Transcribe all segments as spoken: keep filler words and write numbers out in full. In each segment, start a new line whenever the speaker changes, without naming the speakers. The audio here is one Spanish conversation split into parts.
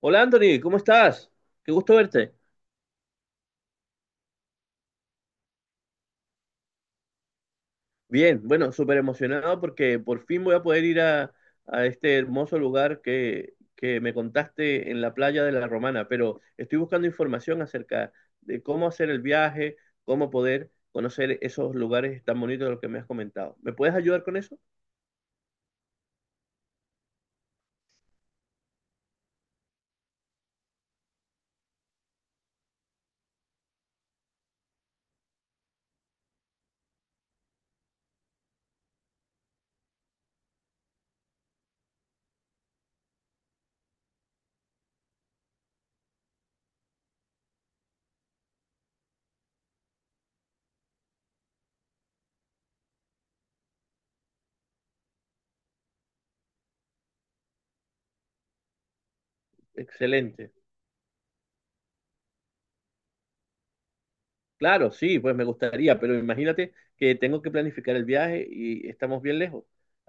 Hola Anthony, ¿cómo estás? Qué gusto verte. Bien, bueno, súper emocionado porque por fin voy a poder ir a, a este hermoso lugar que, que me contaste en la playa de La Romana, pero estoy buscando información acerca de cómo hacer el viaje, cómo poder conocer esos lugares tan bonitos de los que me has comentado. ¿Me puedes ayudar con eso? Excelente. Claro, sí, pues me gustaría, pero imagínate que tengo que planificar el viaje y estamos bien lejos.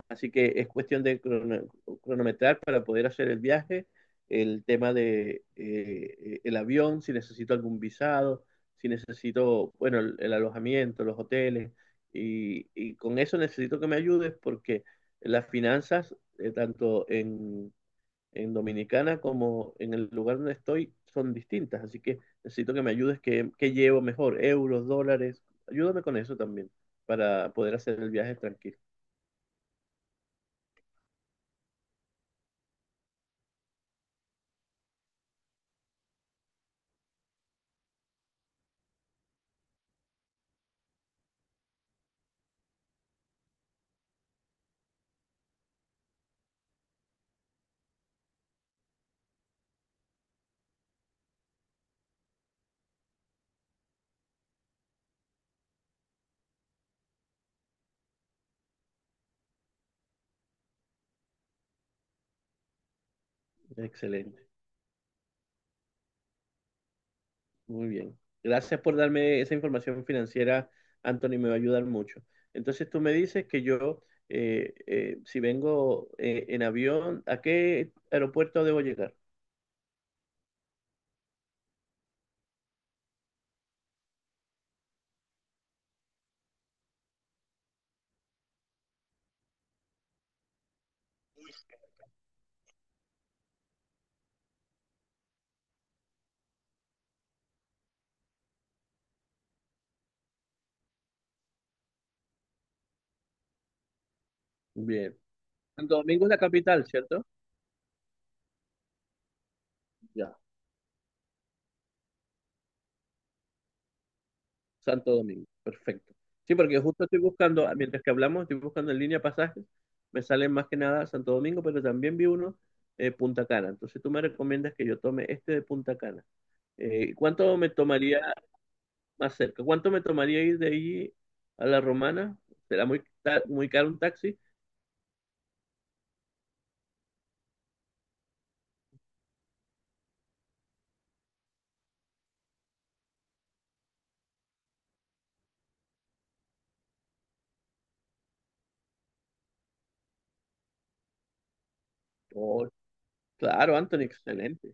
Así que es cuestión de crono- cronometrar para poder hacer el viaje, el tema de eh, el avión, si necesito algún visado, si necesito, bueno, el, el alojamiento, los hoteles, y, y con eso necesito que me ayudes porque las finanzas, eh, tanto en Dominicana como en el lugar donde estoy son distintas, así que necesito que me ayudes, que, que llevo mejor, euros, dólares, ayúdame con eso también para poder hacer el viaje tranquilo. Excelente, muy bien. Gracias por darme esa información financiera, Anthony, me va a ayudar mucho. Entonces tú me dices que yo, eh, eh, si vengo eh, en avión, ¿a qué aeropuerto debo llegar? Bien. Santo Domingo es la capital, ¿cierto? Ya. Santo Domingo, perfecto. Sí, porque justo estoy buscando, ah, mientras que hablamos, estoy buscando en línea pasajes, me salen más que nada Santo Domingo, pero también vi uno eh, Punta Cana. Entonces tú me recomiendas que yo tome este de Punta Cana. Eh, ¿cuánto me tomaría más cerca? ¿Cuánto me tomaría ir de allí a La Romana? ¿Será muy, ta- muy caro un taxi? Oh, claro, Anthony, excelente.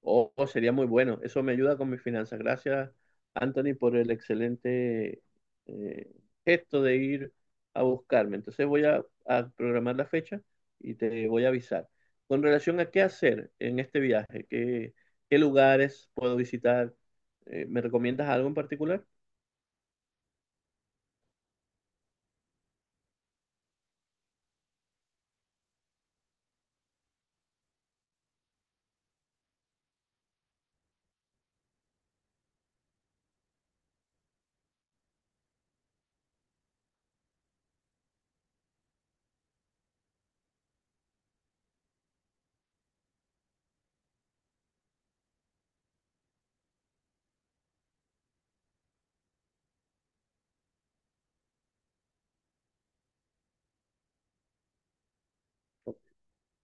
Oh, oh, sería muy bueno. Eso me ayuda con mis finanzas. Gracias, Anthony, por el excelente eh, gesto de ir a buscarme. Entonces voy a, a programar la fecha y te voy a avisar. Con relación a qué hacer en este viaje, qué, qué lugares puedo visitar, eh, ¿me recomiendas algo en particular?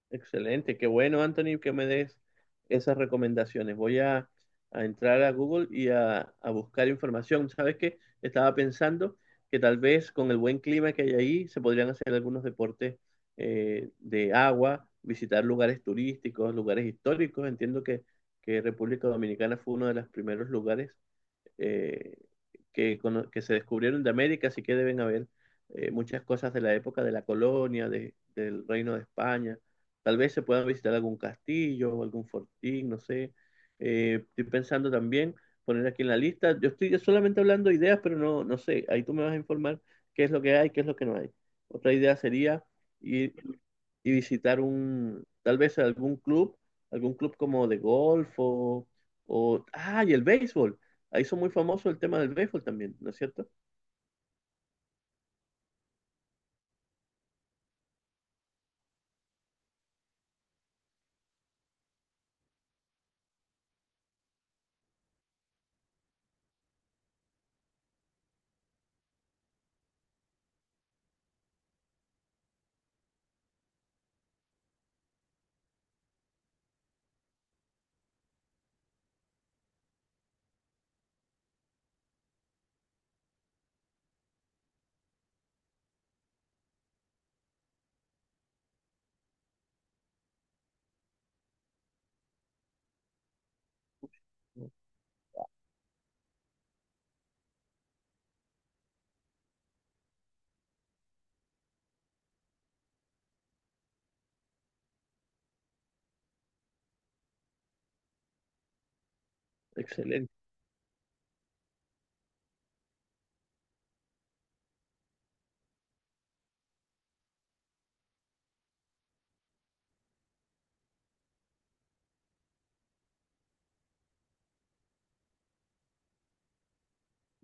Excelente, qué bueno, Anthony, que me des esas recomendaciones. Voy a, a entrar a Google y a, a buscar información. ¿Sabes qué? Estaba pensando que tal vez con el buen clima que hay ahí se podrían hacer algunos deportes eh, de agua, visitar lugares turísticos, lugares históricos. Entiendo que, que República Dominicana fue uno de los primeros lugares eh, que, cono- que se descubrieron de América, así que deben haber eh, muchas cosas de la época de la colonia, de- del Reino de España. Tal vez se puedan visitar algún castillo o algún fortín, no sé. Eh, estoy pensando también poner aquí en la lista. Yo estoy solamente hablando de ideas, pero no, no sé. Ahí tú me vas a informar qué es lo que hay, qué es lo que no hay. Otra idea sería ir y visitar un, tal vez algún club, algún club como de golf o, o- ah, y el béisbol. Ahí hizo muy famoso el tema del béisbol también, ¿no es cierto? Sí. Excelente.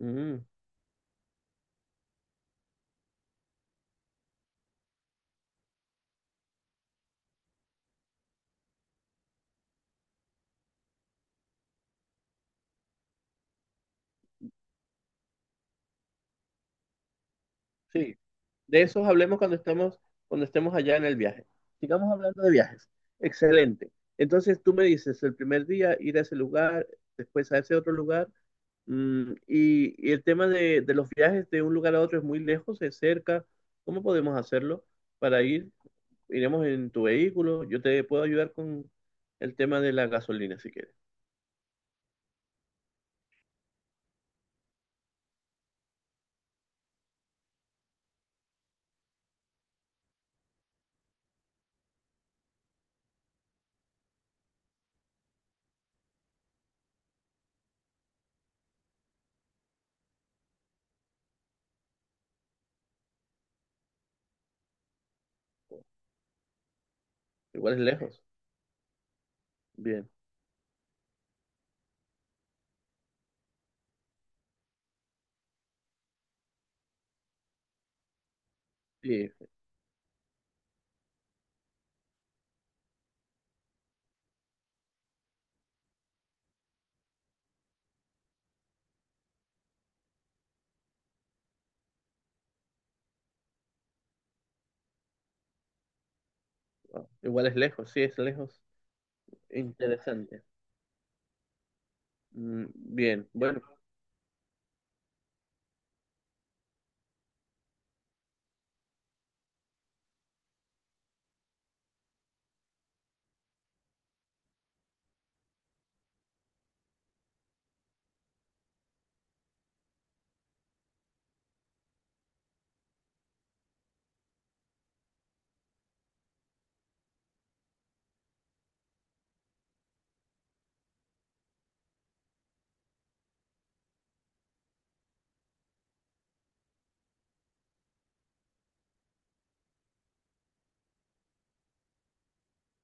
Mm, sí. De esos hablemos cuando estemos, cuando estemos allá en el viaje. Sigamos hablando de viajes. Excelente. Entonces tú me dices, el primer día ir a ese lugar, después a ese otro lugar. Mm, y, y el tema de, de los viajes de un lugar a otro es muy lejos, es cerca. ¿Cómo podemos hacerlo para ir? Iremos en tu vehículo. Yo te puedo ayudar con el tema de la gasolina si quieres. Igual es lejos. Bien. Sí, ah, igual es lejos, sí, es lejos. Interesante. Mm, bien, bueno,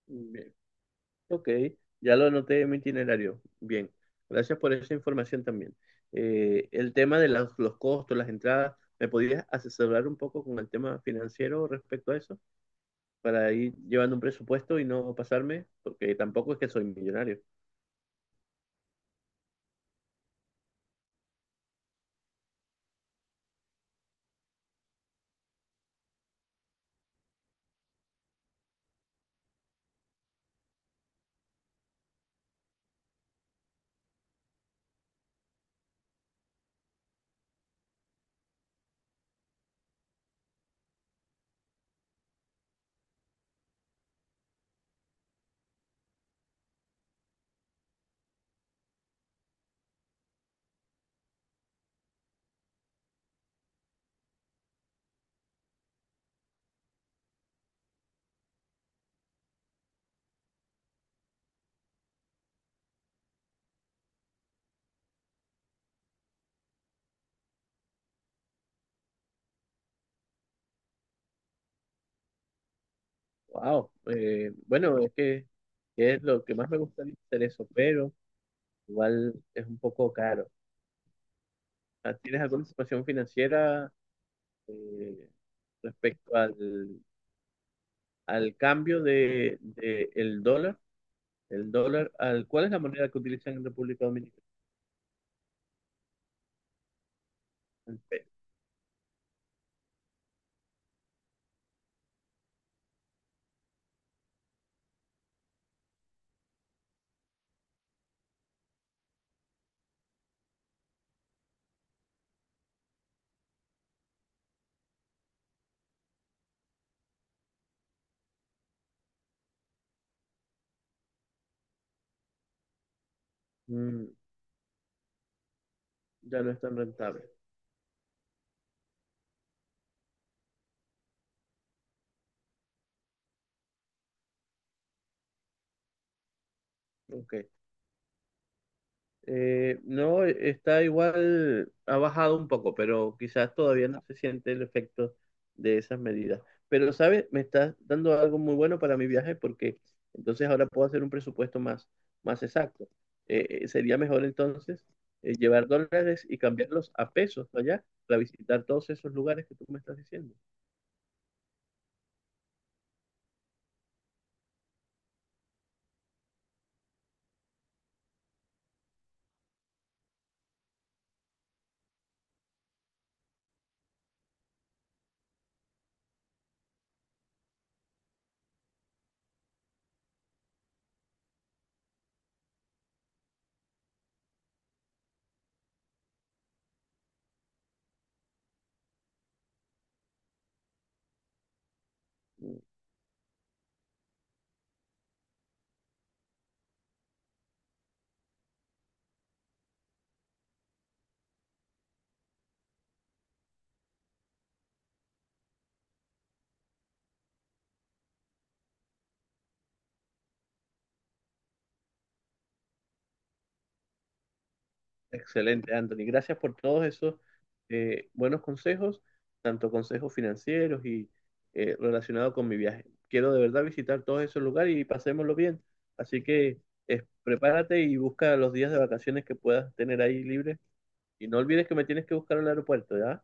bien. Ok, ya lo anoté en mi itinerario. Bien, gracias por esa información también. Eh, el tema de las- los costos, las entradas, ¿me podías asesorar un poco con el tema financiero respecto a eso? Para ir llevando un presupuesto y no pasarme, porque tampoco es que soy millonario. Wow, eh, bueno, es que es lo que más me gustaría hacer eso, pero igual es un poco caro. Ah, ¿tienes alguna situación financiera? Eh, respecto al, al cambio de, de el dólar. El dólar, al, ¿cuál es la moneda que utilizan en República Dominicana? El peso. Mm, ya no es tan rentable. Ok. Eh, no, está igual, ha bajado un poco, pero quizás todavía no se siente el efecto de esas medidas. Pero, ¿sabes? Me estás dando algo muy bueno para mi viaje porque entonces ahora puedo hacer un presupuesto más, más exacto. Eh, eh, sería mejor entonces eh, llevar dólares y cambiarlos a pesos allá para visitar todos esos lugares que tú me estás diciendo. Excelente, Anthony. Gracias por todos esos eh, buenos consejos, tanto consejos financieros y eh, relacionados con mi viaje. Quiero de verdad visitar todos esos lugares y pasémoslo bien. Así que eh, prepárate y busca los días de vacaciones que puedas tener ahí libres. Y no olvides que me tienes que buscar al aeropuerto, ¿ya?